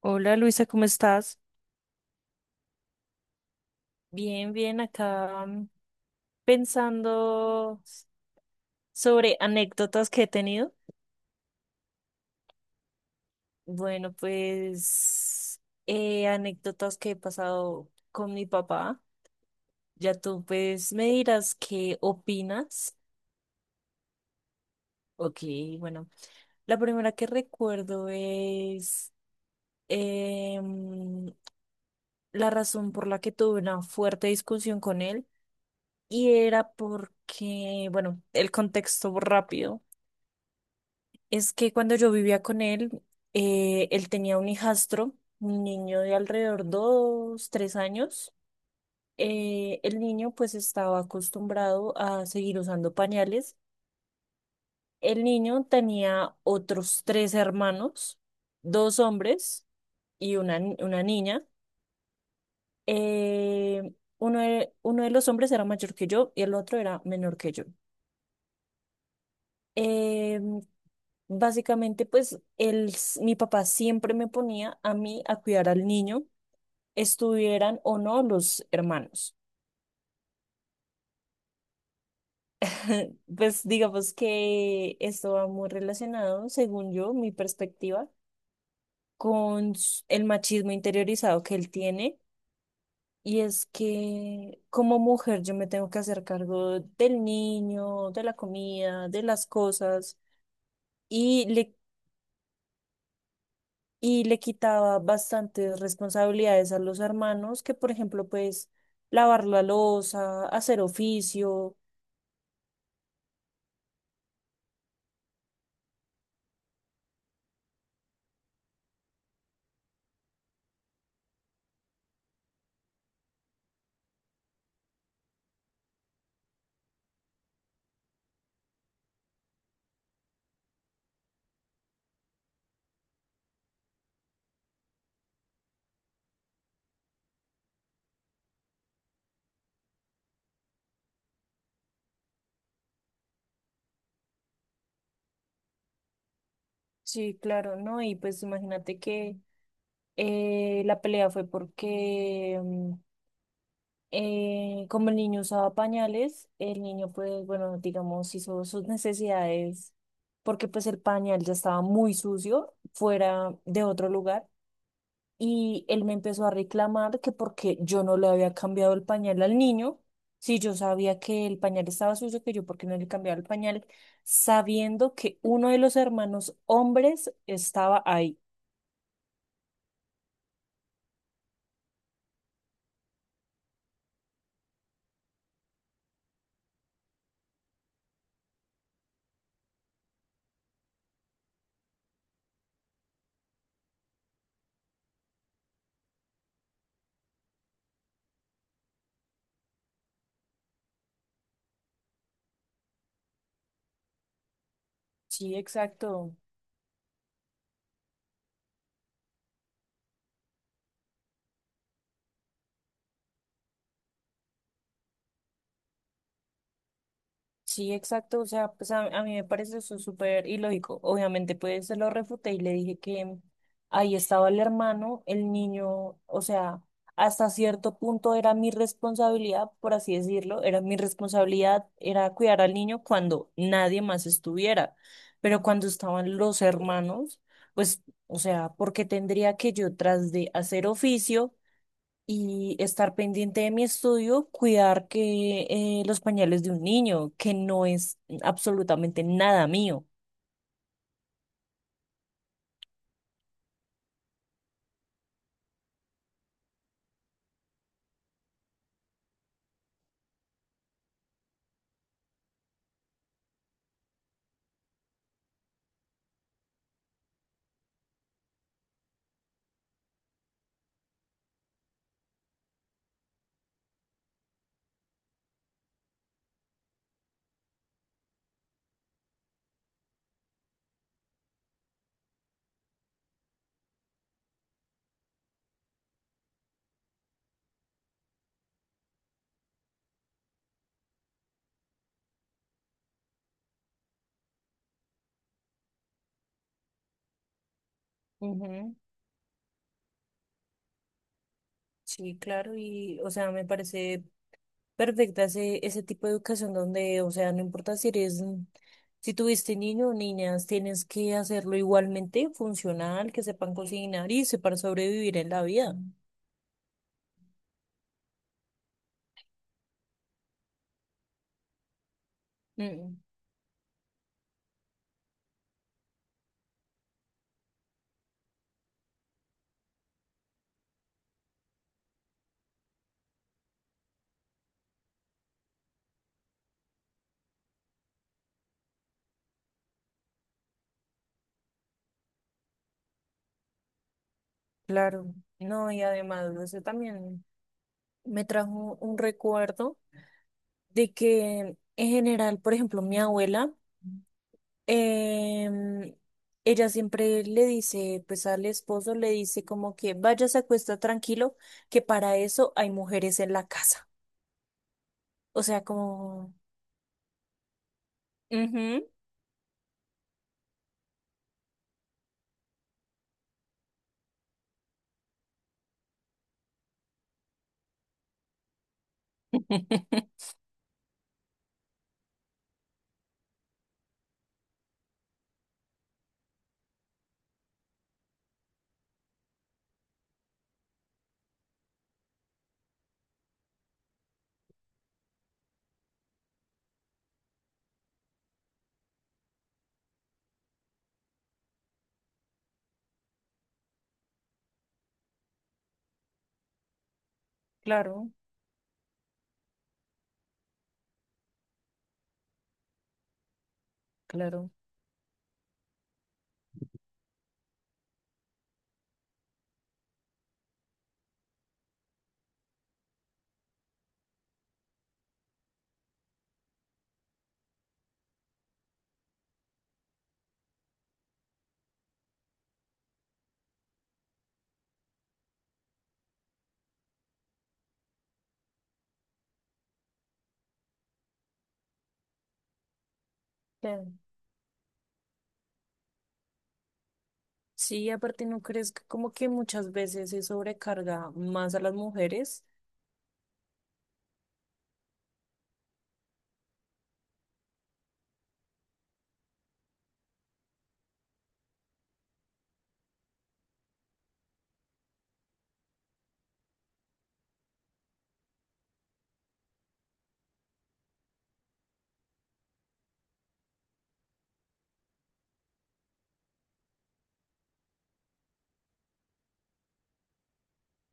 Hola Luisa, ¿cómo estás? Bien, bien, acá pensando sobre anécdotas que he tenido. Bueno, pues anécdotas que he pasado con mi papá. Ya tú pues me dirás qué opinas. Ok, bueno, la primera que recuerdo es em, la razón por la que tuve una fuerte discusión con él y era porque, bueno, el contexto rápido. Es que cuando yo vivía con él, él tenía un hijastro, un niño de alrededor dos, tres años. El niño pues estaba acostumbrado a seguir usando pañales. El niño tenía otros tres hermanos, dos hombres y una, una niña. Uno de los hombres era mayor que yo y el otro era menor que yo. Eh, básicamente, pues mi papá siempre me ponía a mí a cuidar al niño, estuvieran o no los hermanos. Pues digamos que esto va muy relacionado, según yo, mi perspectiva, con el machismo interiorizado que él tiene. Y es que como mujer yo me tengo que hacer cargo del niño, de la comida, de las cosas. Y le y le quitaba bastantes responsabilidades a los hermanos, que por ejemplo, pues lavar la loza, hacer oficio, sí, claro, ¿no? Y pues imagínate que la pelea fue porque como el niño usaba pañales, el niño pues, bueno, digamos, hizo sus necesidades porque pues el pañal ya estaba muy sucio fuera de otro lugar. Y él me empezó a reclamar que porque yo no le había cambiado el pañal al niño, si yo sabía que el pañal estaba sucio, que yo porque no le cambiaba el pañal, sabiendo que uno de los hermanos hombres estaba ahí. Sí, exacto. Sí, exacto. O sea, pues a mí me parece eso súper ilógico. Obviamente, pues se lo refuté y le dije que ahí estaba el hermano, el niño, o sea, hasta cierto punto era mi responsabilidad, por así decirlo, era mi responsabilidad, era cuidar al niño cuando nadie más estuviera. Pero cuando estaban los hermanos, pues, o sea, ¿por qué tendría que yo, tras de hacer oficio, y estar pendiente de mi estudio, cuidar que los pañales de un niño, que no es absolutamente nada mío? Ujú, sí, claro, y, o sea, me parece perfecta ese, ese tipo de educación donde, o sea, no importa si eres, si tuviste niño o niñas, tienes que hacerlo igualmente funcional, que sepan cocinar y sepan sobrevivir en la vida. Mm, claro. No, y además, eso también me trajo un recuerdo de que en general, por ejemplo, mi abuela, em, ella siempre le dice, pues al esposo le dice como que vaya, se acuesta tranquilo, que para eso hay mujeres en la casa. O sea, como... ujú, claro, claro, claro. Sí, aparte no crees que como que muchas veces se sobrecarga más a las mujeres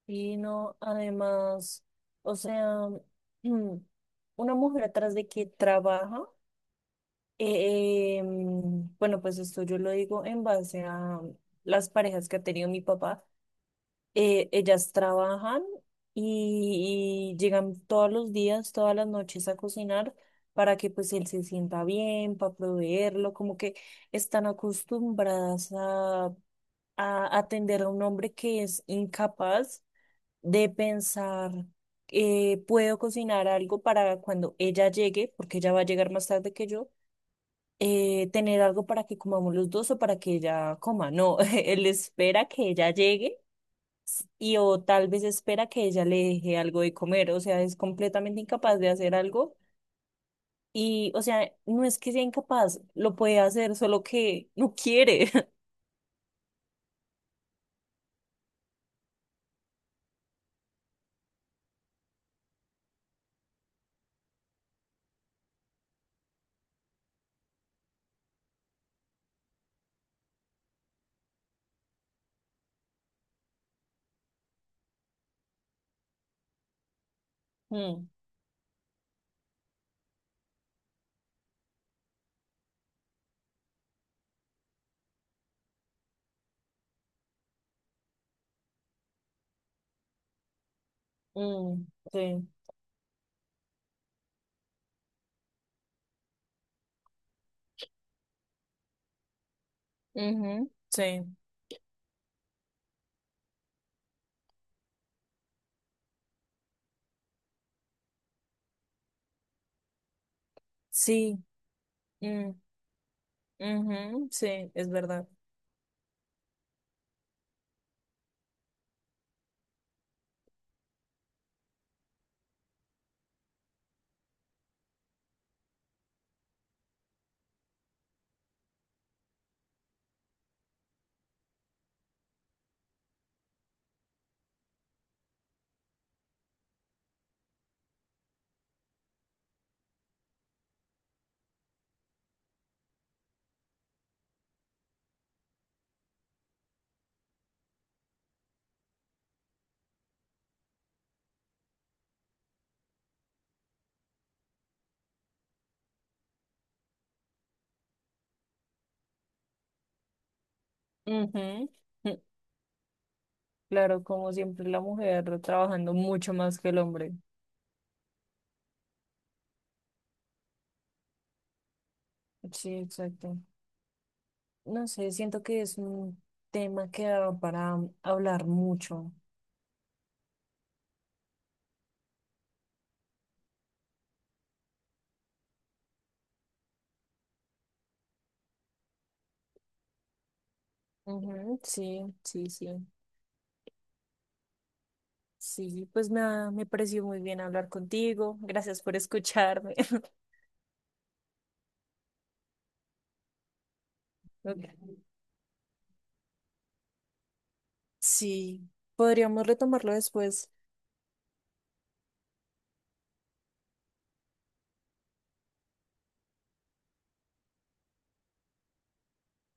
y no, además, o sea, mm, una mujer atrás de que trabaja. Bueno, pues esto yo lo digo en base a las parejas que ha tenido mi papá. Ellas trabajan y llegan todos los días, todas las noches a cocinar para que pues él se sienta bien, para proveerlo, como que están acostumbradas a atender a un hombre que es incapaz de pensar, puedo cocinar algo para cuando ella llegue, porque ella va a llegar más tarde que yo, tener algo para que comamos los dos o para que ella coma. No, él espera que ella llegue y o tal vez espera que ella le deje algo de comer. O sea, es completamente incapaz de hacer algo. Y, o sea, no es que sea incapaz, lo puede hacer, solo que no quiere. Mm, mm, sí, ujú, sí, sí, mm, ujú, sí, es verdad. Ujú, mm, claro, como siempre la mujer trabajando mucho más que el hombre. Sí, exacto. No sé, siento que es un tema que da para hablar mucho. Ujú, sí, sí, sí. Sí, pues me pareció muy bien hablar contigo. Gracias por escucharme. Ok. Sí, podríamos retomarlo después.